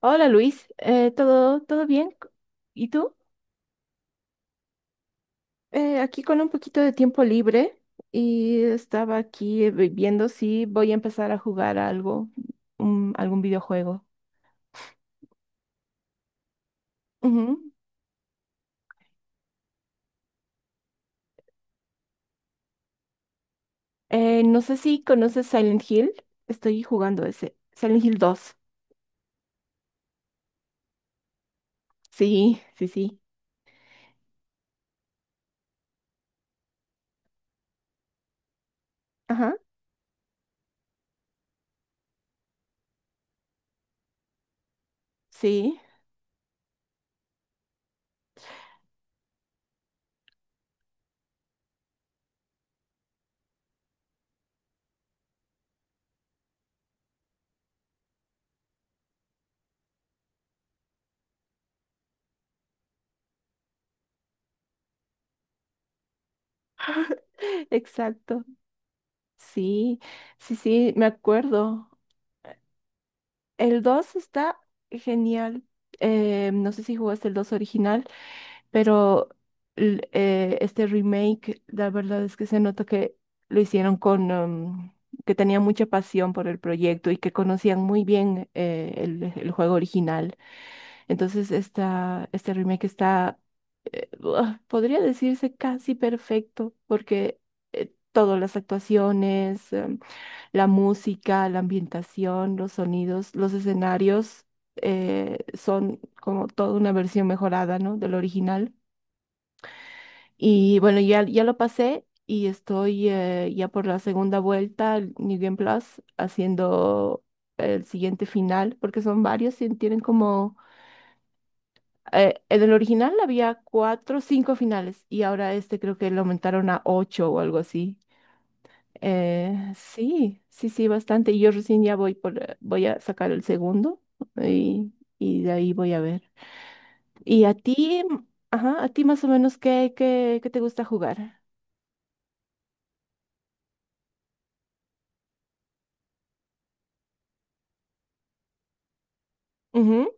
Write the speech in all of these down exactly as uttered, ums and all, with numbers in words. Hola Luis, Eh, ¿todo, todo bien? ¿Y tú? Eh, aquí con un poquito de tiempo libre y estaba aquí eh, vi- viendo si voy a empezar a jugar algo, un- algún videojuego. Ujú. Eh, no sé si conoces Silent Hill, estoy jugando ese, Silent Hill dos. Sí, sí, sí. Ajá, sí, exacto. Sí, sí, sí, me acuerdo. El dos está genial. Eh, no sé si jugaste el dos original, pero l- eh, este remake, la verdad es que se nota que lo hicieron con, um, que tenían mucha pasión por el proyecto y que conocían muy bien eh, el, el juego original. Entonces, esta, este remake está, eh, ah, podría decirse casi perfecto, porque eh, todas las actuaciones, em, la música, la ambientación, los sonidos, los escenarios eh, son como toda una versión mejorada, ¿no? Del original. Y bueno, ya, ya lo pasé y estoy eh, ya por la segunda vuelta, el New Game Plus, haciendo el siguiente final, porque son varios y tienen como eh, en el original había cuatro, cinco finales y ahora este creo que lo aumentaron a ocho o algo así. Eh, sí, sí, sí, bastante. Y yo recién ya voy por, eh, voy a sacar el segundo y, y de ahí voy a ver. ¿Y a ti, mm, ajá, a ti más o menos qué, qué, qué te gusta jugar? Ujú,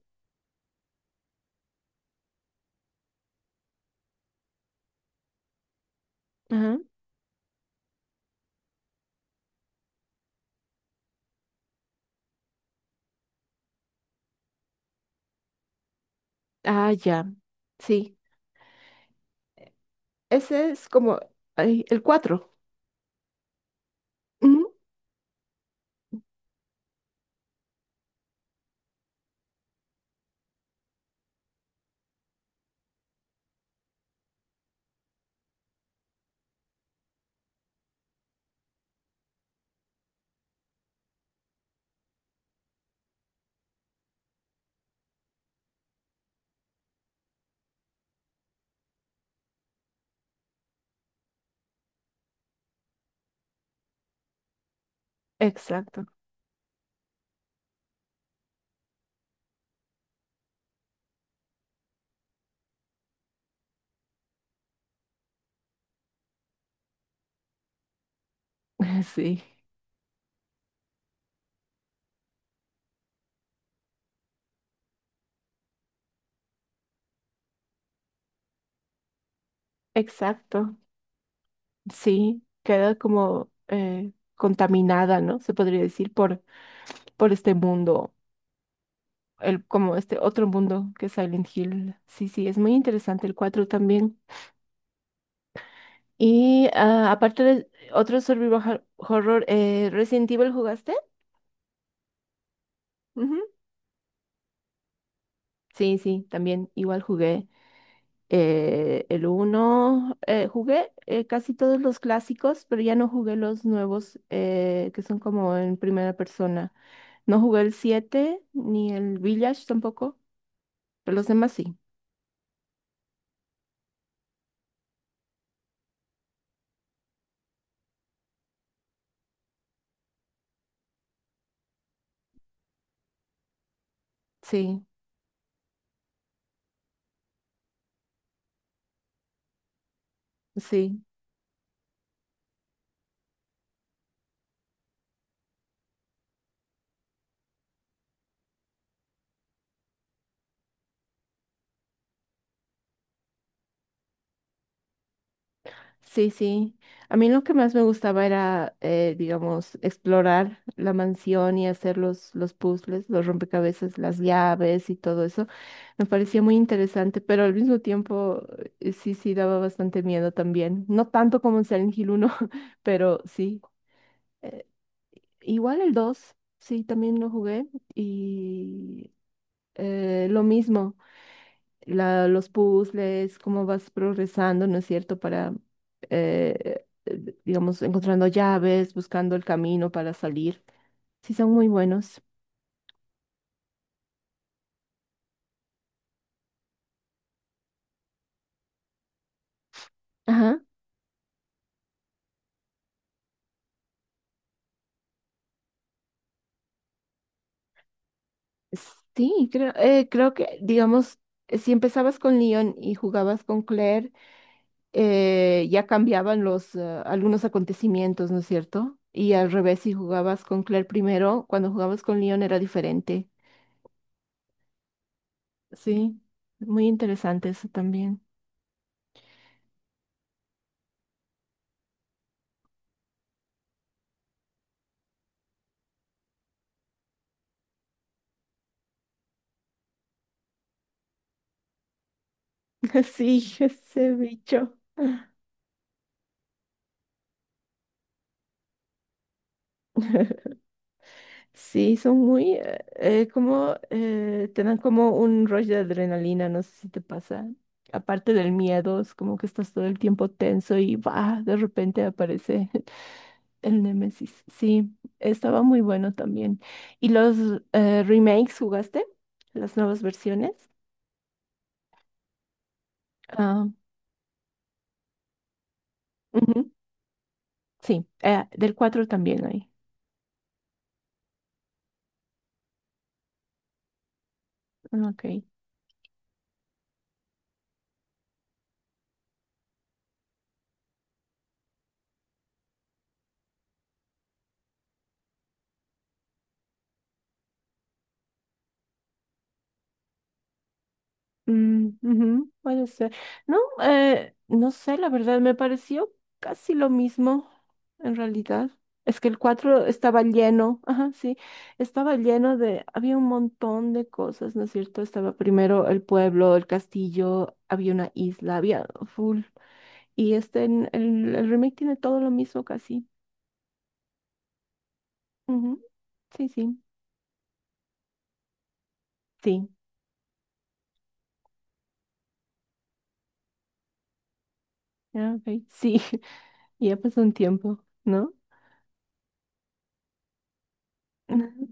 ajá. Ah, ya. Sí. Ese es como ay, el cuatro. Ujú, exacto. Sí, exacto. Sí, queda como eh, contaminada, ¿no? Se podría decir por, por este mundo, el, como este otro mundo que es Silent Hill. Sí, sí, es muy interesante el cuatro también. Y ah, aparte de otro survival hor- horror, eh, ¿Resident Evil jugaste? Ujú. Sí, sí, también igual jugué eh, el uno eh, jugué eh, casi todos los clásicos, pero ya no jugué los nuevos eh, que son como en primera persona. No jugué el siete ni el Village tampoco, pero los demás sí. Sí, sí. Sí, sí. A mí lo que más me gustaba era, eh, digamos, explorar la mansión y hacer los, los puzzles, los rompecabezas, las llaves y todo eso. Me parecía muy interesante, pero al mismo tiempo eh, sí, sí daba bastante miedo también. No tanto como en Silent Hill uno, pero sí. Eh, Igual el dos, sí, también lo jugué y eh, lo mismo la- los puzzles, cómo vas progresando, ¿no es cierto? Para, eh, eh, digamos, encontrando llaves, buscando el camino para salir. Sí, son muy buenos. Ajá. Sí, creo, eh, creo que, digamos, eh, si empezabas con Leon y jugabas con Claire, eh, ya cambiaban los, eh, algunos acontecimientos, ¿no es cierto? Y al revés, si jugabas con Claire primero, cuando jugabas con Leon era diferente. Sí, muy interesante eso también. Sí, ese bicho. Sí, son muy, eh, eh, como, eh, te dan como un rush de adrenalina, no sé si te pasa. Aparte del miedo, es como que estás todo el tiempo tenso y va, de repente aparece el Némesis. Sí, estaba muy bueno también. ¿Y los eh, remakes jugaste? ¿Las nuevas versiones? Ah, ujú. Sí, eh, del cuatro también hay. Ok. Mm, ujú, puede ser. No, eh, no sé, la verdad, me pareció casi lo mismo en realidad. Es que el cuatro estaba lleno, ajá, sí, estaba lleno de, había un montón de cosas, ¿no es cierto? Estaba primero el pueblo, el castillo, había una isla, había full. Y este, en- el, el remake tiene todo lo mismo casi. Ujú, sí, sí, sí. Ah, ok. Sí, ya pasó un tiempo, ¿no? Ujú,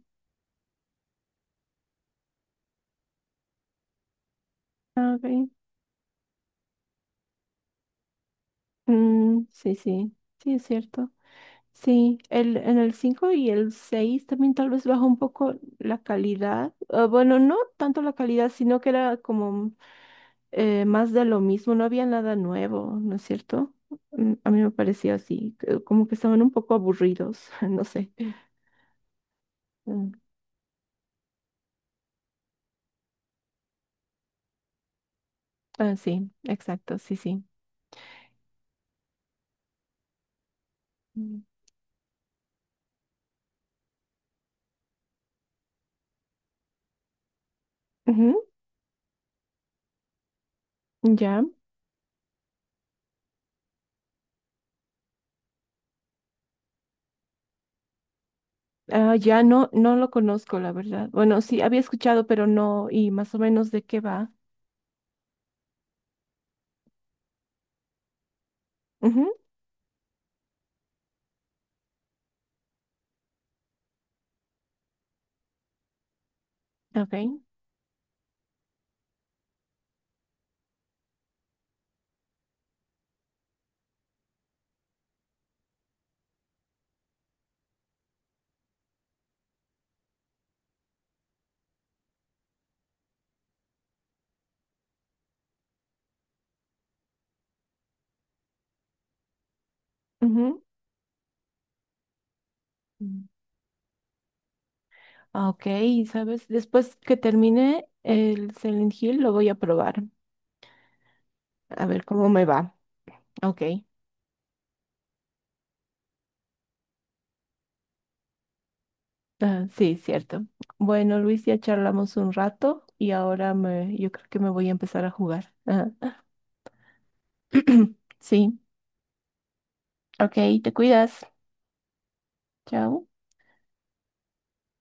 ah, ok. Mm, sí, sí, sí, es cierto. Sí, el, en el cinco y el seis también tal vez bajó un poco la calidad. Ah, bueno, no tanto la calidad, sino que era como eh, más de lo mismo, no había nada nuevo, ¿no es cierto? Mm, a mí me pareció así, que- como que estaban un poco aburridos, no sé. Mm, ah, sí, exacto, sí, sí. Mm. Ujú, ya. Ah, ya no, no lo conozco, la verdad. Bueno, sí, había escuchado, pero no, y más o menos de qué va. Ujú, ok. Ujú. Mm. Ok, ¿sabes? Después que termine el Silent Hill, lo voy a probar. A ver cómo me va. Ok. Ah, sí, cierto. Bueno, Luis, ya charlamos un rato y ahora me, yo creo que me voy a empezar a jugar. Ah, sí, ok, te cuidas. Chao.